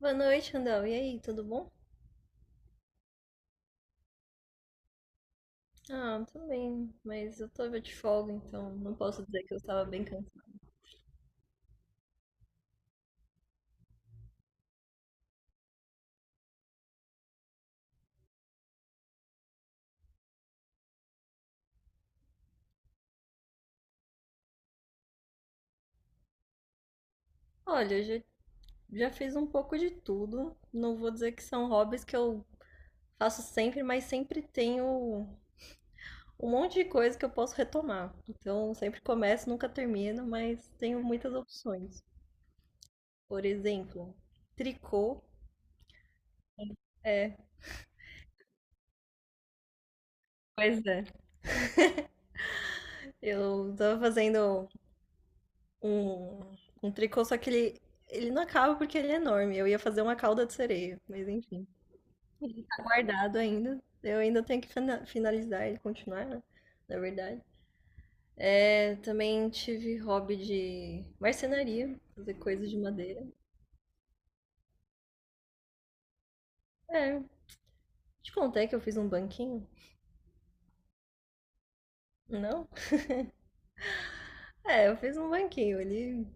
Boa noite, Randall. E aí, tudo bom? Ah, tudo bem, mas eu tava de folga, então não posso dizer que eu estava bem cansada. Olha, eu já fiz um pouco de tudo. Não vou dizer que são hobbies que eu faço sempre, mas sempre tenho um monte de coisa que eu posso retomar. Então, sempre começo, nunca termino, mas tenho muitas opções. Por exemplo, tricô. É, pois é. Eu tava fazendo. Um, um tricô, só que ele não acaba porque ele é enorme. Eu ia fazer uma cauda de sereia, mas enfim, tá guardado ainda. Eu ainda tenho que finalizar ele, continuar, né? Na verdade. É, também tive hobby de marcenaria, fazer coisas de madeira. É, te contei que eu fiz um banquinho? Não? É, eu fiz um banquinho. Ele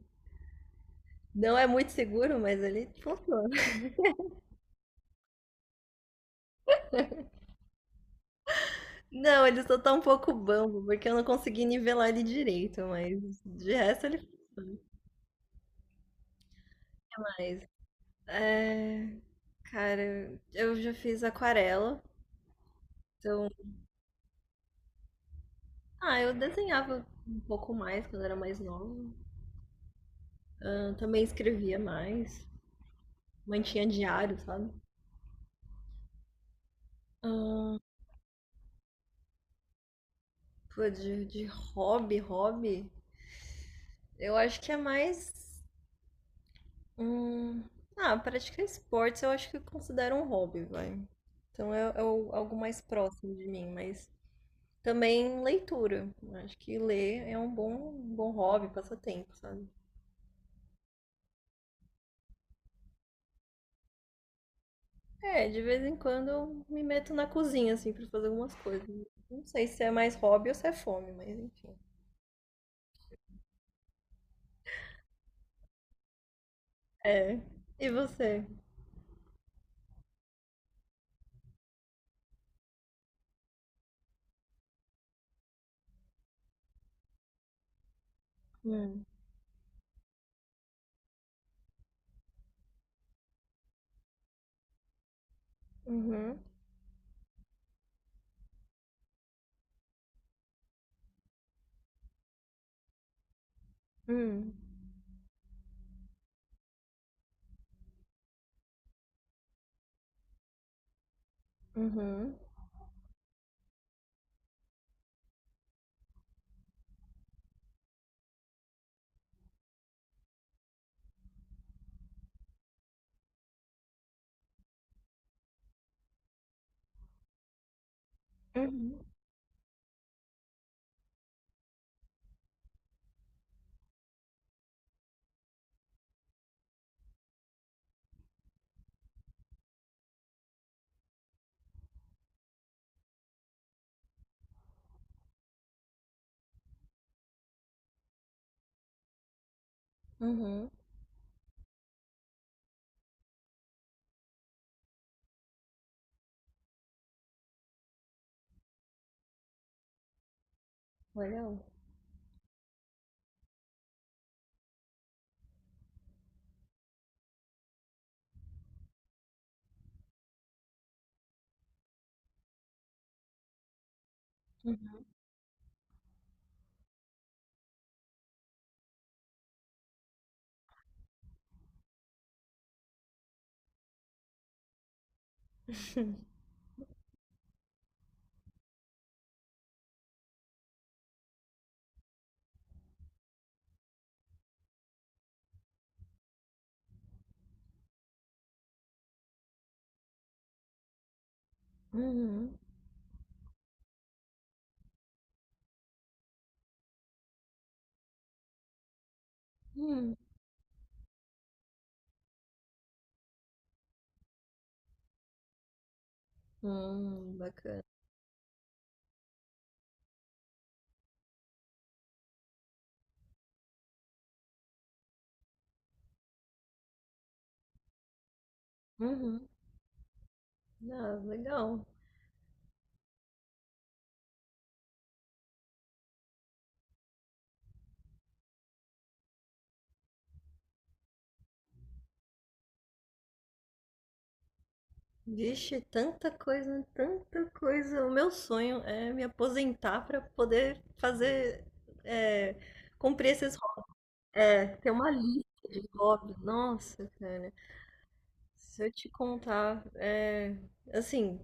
não é muito seguro, mas ele funciona. Não, ele só tá um pouco bambo, porque eu não consegui nivelar ele direito, mas de resto ele faz. É, cara, eu já fiz aquarela. Então, ah, eu desenhava um pouco mais quando era mais nova. Ah, também escrevia mais. Mantinha diário, sabe? Ah, pô, de hobby. Eu acho que é mais. Hum, ah, praticar esportes eu acho que eu considero um hobby, vai. Então é, algo mais próximo de mim, mas também leitura. Eu acho que ler é um bom hobby, passatempo, sabe? É, de vez em quando eu me meto na cozinha, assim, pra fazer algumas coisas. Não sei se é mais hobby ou se é fome, mas enfim. É. E você? Hum. Uhum. Hum. Uhum. Uhum. Uhum. Olha. Um. Uhum. Hum. Bacana. Uhum. Ah, legal. Vixe, tanta coisa, tanta coisa. O meu sonho é me aposentar pra poder fazer, é, cumprir esses. É, tem uma lista de hobbies. Nossa, cara. Se eu te contar, é assim,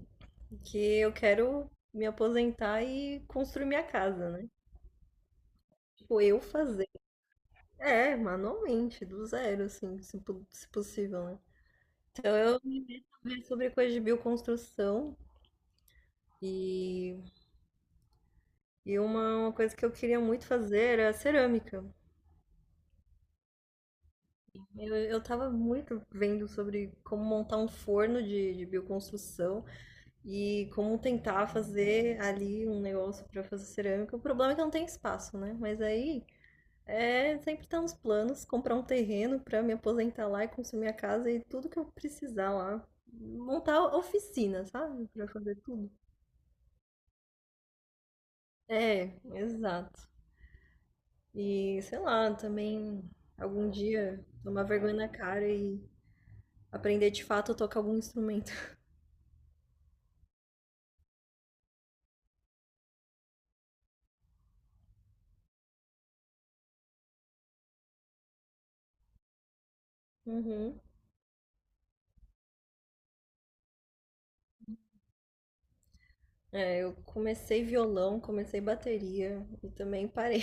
que eu quero me aposentar e construir minha casa, né? Tipo, eu fazer. É, manualmente, do zero, assim, se possível, né? Ver sobre coisa de bioconstrução. E, e uma coisa que eu queria muito fazer era cerâmica. Eu tava muito vendo sobre como montar um forno de bioconstrução. E como tentar fazer ali um negócio para fazer cerâmica. O problema é que não tem espaço, né? Mas aí é sempre tá nos planos, comprar um terreno para me aposentar lá e construir minha casa e tudo que eu precisar lá. Montar oficina, sabe? Para fazer tudo. É, exato. E sei lá, também algum dia tomar vergonha na cara e aprender de fato a tocar algum instrumento. Uhum. É, eu comecei violão, comecei bateria e também parei.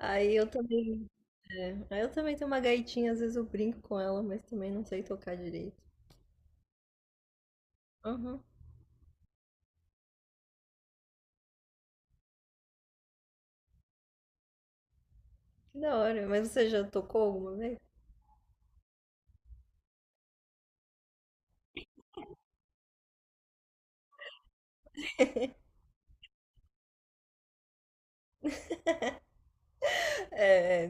Aí eu também, é, aí eu também tenho uma gaitinha, às vezes eu brinco com ela, mas também não sei tocar direito. Aham. Que da hora, mas você já tocou alguma vez? É,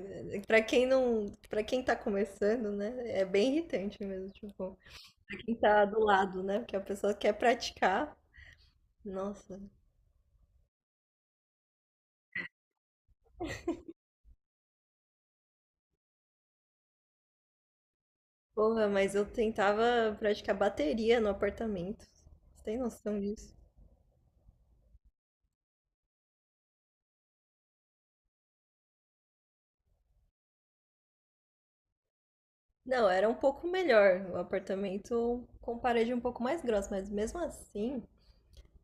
é, quem não, para quem tá começando, né, é bem irritante mesmo, tipo, pra quem tá do lado, né, porque a pessoa quer praticar. Nossa, porra, mas eu tentava praticar bateria no apartamento. Você tem noção disso? Não, era um pouco melhor o apartamento com parede um pouco mais grossa, mas mesmo assim,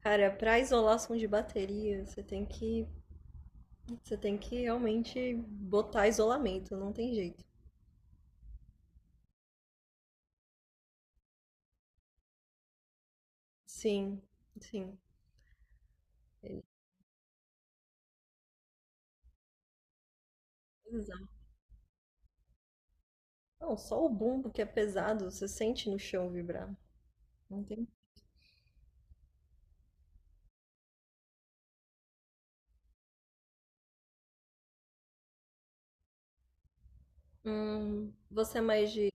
cara, pra isolação de bateria, você tem que realmente botar isolamento, não tem jeito. Sim, sim. Exato. Não, só o bumbo que é pesado, você sente no chão vibrar. Não tem. Você é mais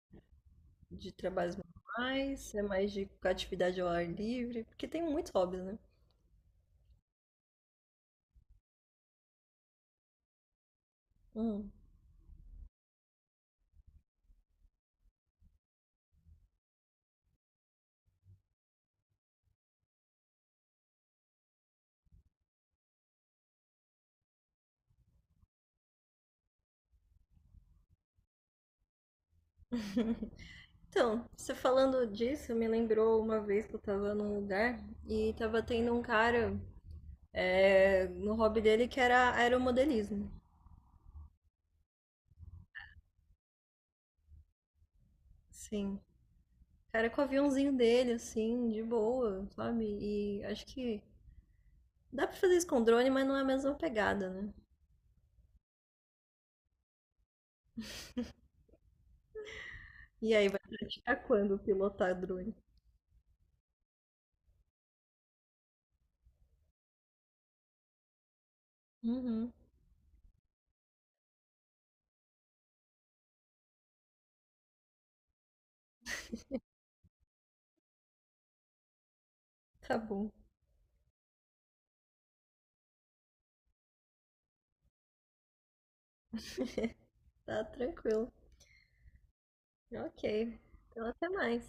de trabalhos manuais, você é mais de atividade ao ar livre, porque tem muitos hobbies, né? Hum. Então, você falando disso, me lembrou uma vez que eu tava num lugar e tava tendo um cara é, no hobby dele que era aeromodelismo. Sim. Cara, com o aviãozinho dele, assim, de boa, sabe? E acho que dá pra fazer isso com drone, mas não é a mesma pegada, né? E aí, vai praticar quando pilotar drone? Uhum, tá bom. Tá tranquilo. Ok. Então, até mais.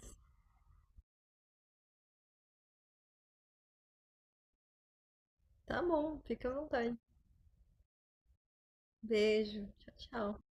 Tá bom, fica à vontade. Beijo. Tchau, tchau.